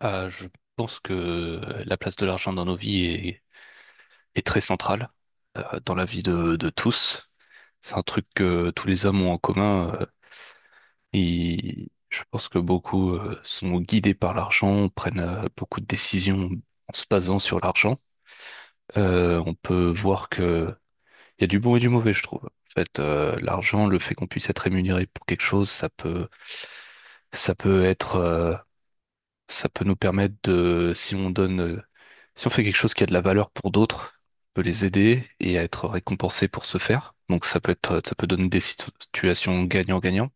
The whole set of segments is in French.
Ah, je pense que la place de l'argent dans nos vies est très centrale dans la vie de tous. C'est un truc que tous les hommes ont en commun. Et je pense que beaucoup sont guidés par l'argent, prennent beaucoup de décisions en se basant sur l'argent. On peut voir que il y a du bon et du mauvais, je trouve. En fait, l'argent, le fait qu'on puisse être rémunéré pour quelque chose, ça peut être, ça peut nous permettre de, si on donne si on fait quelque chose qui a de la valeur pour d'autres, on peut les aider et être récompensé pour ce faire. Donc ça peut donner des situations gagnant-gagnant.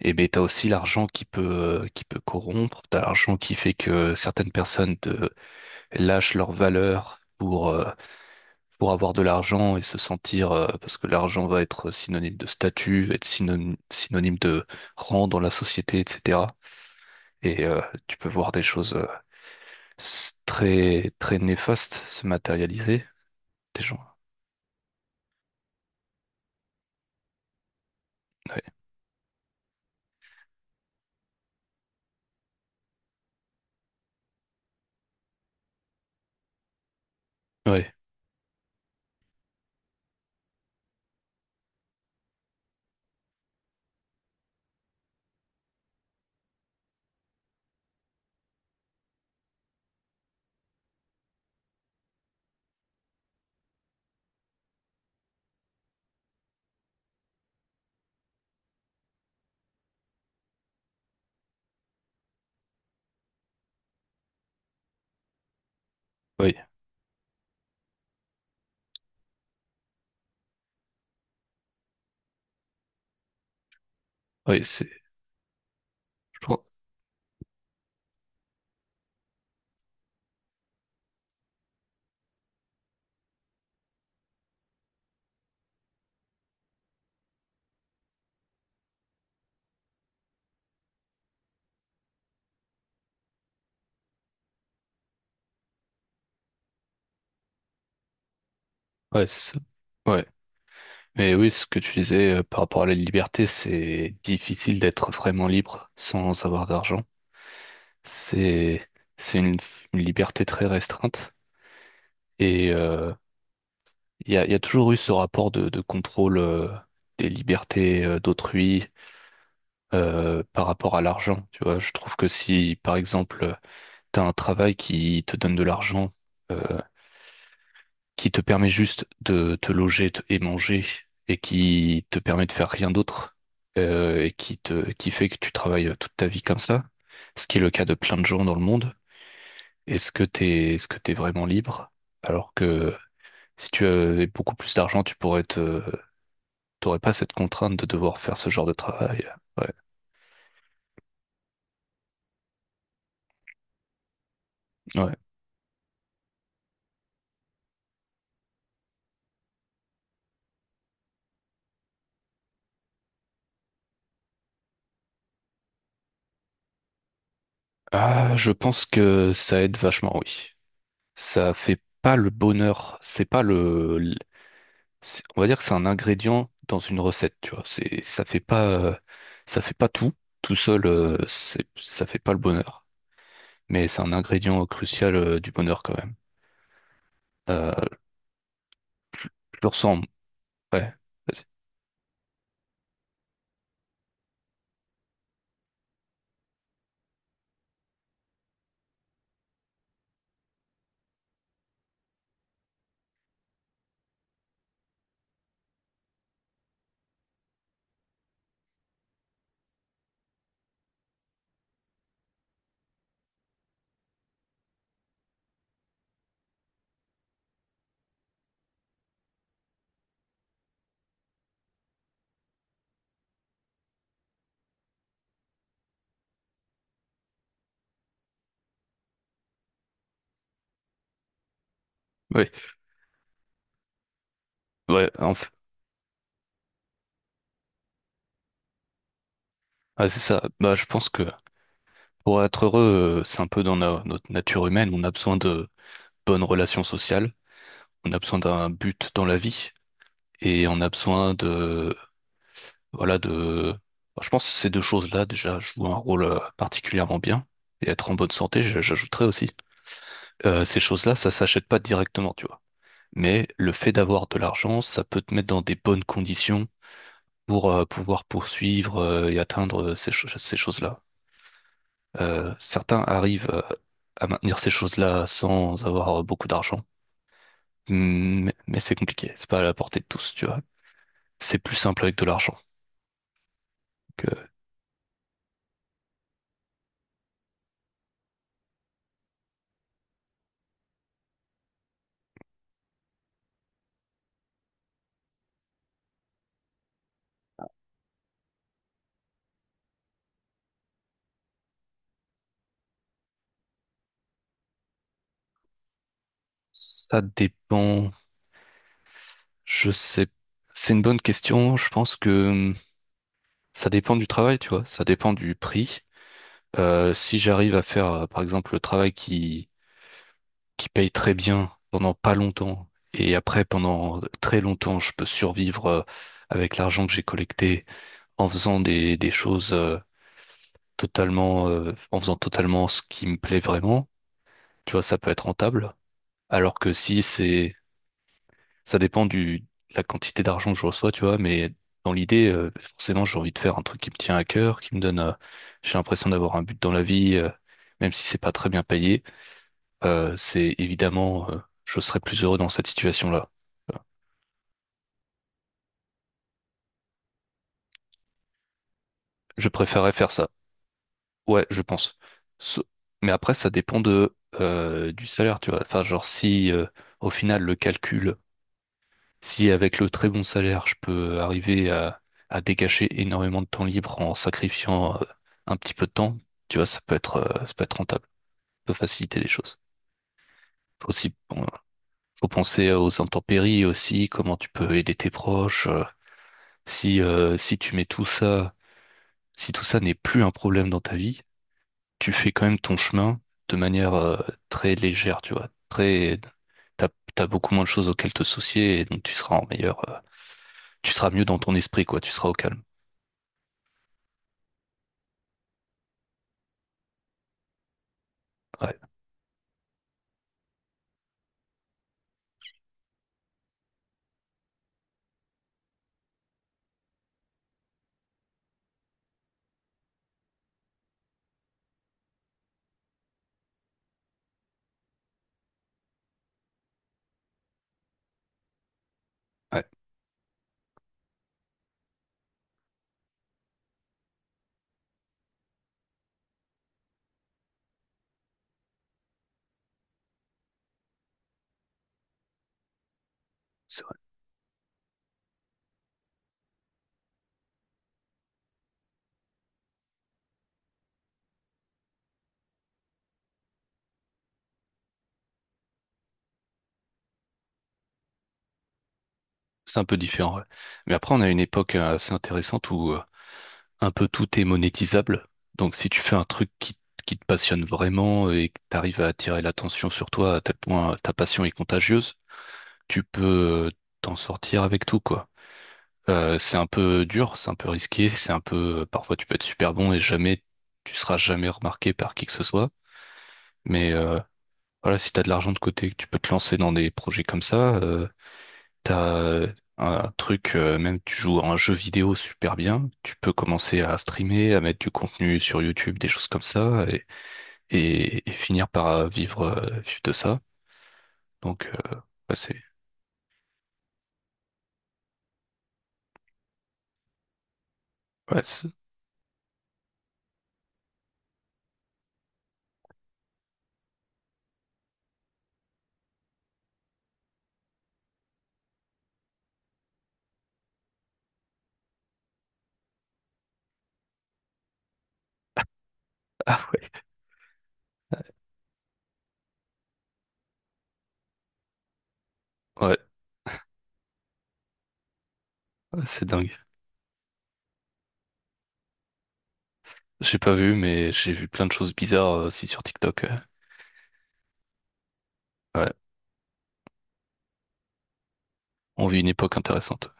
Et ben t'as aussi l'argent qui peut corrompre. T'as l'argent qui fait que certaines personnes te lâchent leur valeur pour avoir de l'argent et se sentir, parce que l'argent va être synonyme de statut, être synonyme de rang dans la société, etc. Et euh, Tu peux voir des choses très, très néfastes se matérialiser. Des gens. Oui, oui, oui, je crois. Ouais, c'est ça. Ouais. Mais oui, ce que tu disais par rapport à la liberté, c'est difficile d'être vraiment libre sans avoir d'argent. C'est, c'est une liberté très restreinte. Et euh, il y a toujours eu ce rapport de contrôle des libertés d'autrui par rapport à l'argent. Tu vois, je trouve que si, par exemple, tu as un travail qui te donne de l'argent, euh, qui te permet juste de et manger et qui te permet de faire rien d'autre et qui fait que tu travailles toute ta vie comme ça, ce qui est le cas de plein de gens dans le monde. Est-ce que t'es vraiment libre? Alors que si tu avais beaucoup plus d'argent, tu pourrais te t'aurais pas cette contrainte de devoir faire ce genre de travail. Ouais, ouais. Ah, je pense que ça aide vachement, oui. Ça fait pas le bonheur, c'est pas le c'est- on va dire que c'est un ingrédient dans une recette, tu vois. Ça fait pas tout. Tout seul, ça fait pas le bonheur. Mais c'est un ingrédient crucial, du bonheur quand même. Euh, je le ressens. Ouais. Vas-y. Ouais. Ouais. Enf- ah, c'est ça. Bah, je pense que pour être heureux, c'est un peu dans notre nature humaine. On a besoin de bonnes relations sociales. On a besoin d'un but dans la vie. Et on a besoin de voilà, de... bah, je pense que ces deux choses-là déjà jouent un rôle particulièrement bien. Et être en bonne santé, j'ajouterais aussi. Ces choses-là, ça s'achète pas directement, tu vois. Mais le fait d'avoir de l'argent, ça peut te mettre dans des bonnes conditions pour pouvoir poursuivre et atteindre ces choses-là. Certains arrivent à maintenir ces choses-là sans avoir beaucoup d'argent. Mmh. Mais c'est compliqué, c'est pas à la portée de tous, tu vois. C'est plus simple avec de l'argent. Donc, ça dépend. Je sais, c'est une bonne question. Je pense que ça dépend du travail, tu vois. Ça dépend du prix. Si j'arrive à faire, par exemple, qui paye très bien pendant pas longtemps, et après, pendant très longtemps, je peux survivre avec l'argent que j'ai collecté en faisant des choses en faisant totalement ce qui me plaît vraiment, tu vois, ça peut être rentable. Alors que si c'est ça dépend du, de la quantité d'argent que je reçois, tu vois, mais dans l'idée, forcément, j'ai envie de faire un truc qui me tient à cœur, qui me donne, j'ai l'impression d'avoir un but dans la vie, même si c'est pas très bien payé. C'est évidemment, je serais plus heureux dans cette situation-là. Euh, Je préférerais faire ça. Ouais, je pense. Sau- mais après, ça dépend de, du salaire, tu vois. Enfin, genre, si, au final, le calcul si avec le très bon salaire, je peux arriver à dégager énormément de temps libre en sacrifiant un petit peu de temps, tu vois, ça peut être rentable, ça peut faciliter les choses. Faut aussi, faut penser aux intempéries aussi, comment tu peux aider tes proches. Si, si tu mets tout ça, si tout ça n'est plus un problème dans ta vie, tu fais quand même ton chemin de manière très légère, tu vois, t'as, t'as beaucoup moins de choses auxquelles te soucier et donc tu seras en meilleur, tu seras mieux dans ton esprit, quoi, tu seras au calme. Ouais. Ouais, c'est vrai. C'est un peu différent. Ouais. Mais après, on a une époque assez intéressante où un peu tout est monétisable. Donc, si tu fais un truc qui te passionne vraiment et que tu arrives à attirer l'attention sur toi à tel point ta passion est contagieuse, tu peux t'en sortir avec tout, quoi. C'est un peu dur, c'est un peu risqué, c'est un peu, parfois tu peux être super bon et jamais, tu seras jamais remarqué par qui que ce soit. Mais euh, voilà, si tu as de l'argent de côté, que tu peux te lancer dans des projets comme ça, t'as un truc, même tu joues à un jeu vidéo super bien, tu peux commencer à streamer, à mettre du contenu sur YouTube, des choses comme ça, et, et finir par vivre de ça. Donc, ouais, ouais, c'est- ah, ouais, ouais, c'est dingue. J'ai pas vu, mais j'ai vu plein de choses bizarres aussi sur TikTok. Ouais, on vit une époque intéressante.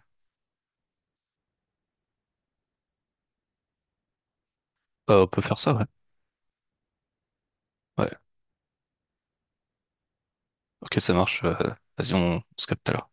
On peut faire ça, ouais. Ouais, ok, ça marche. Vas-y, on se capte tout à l'heure.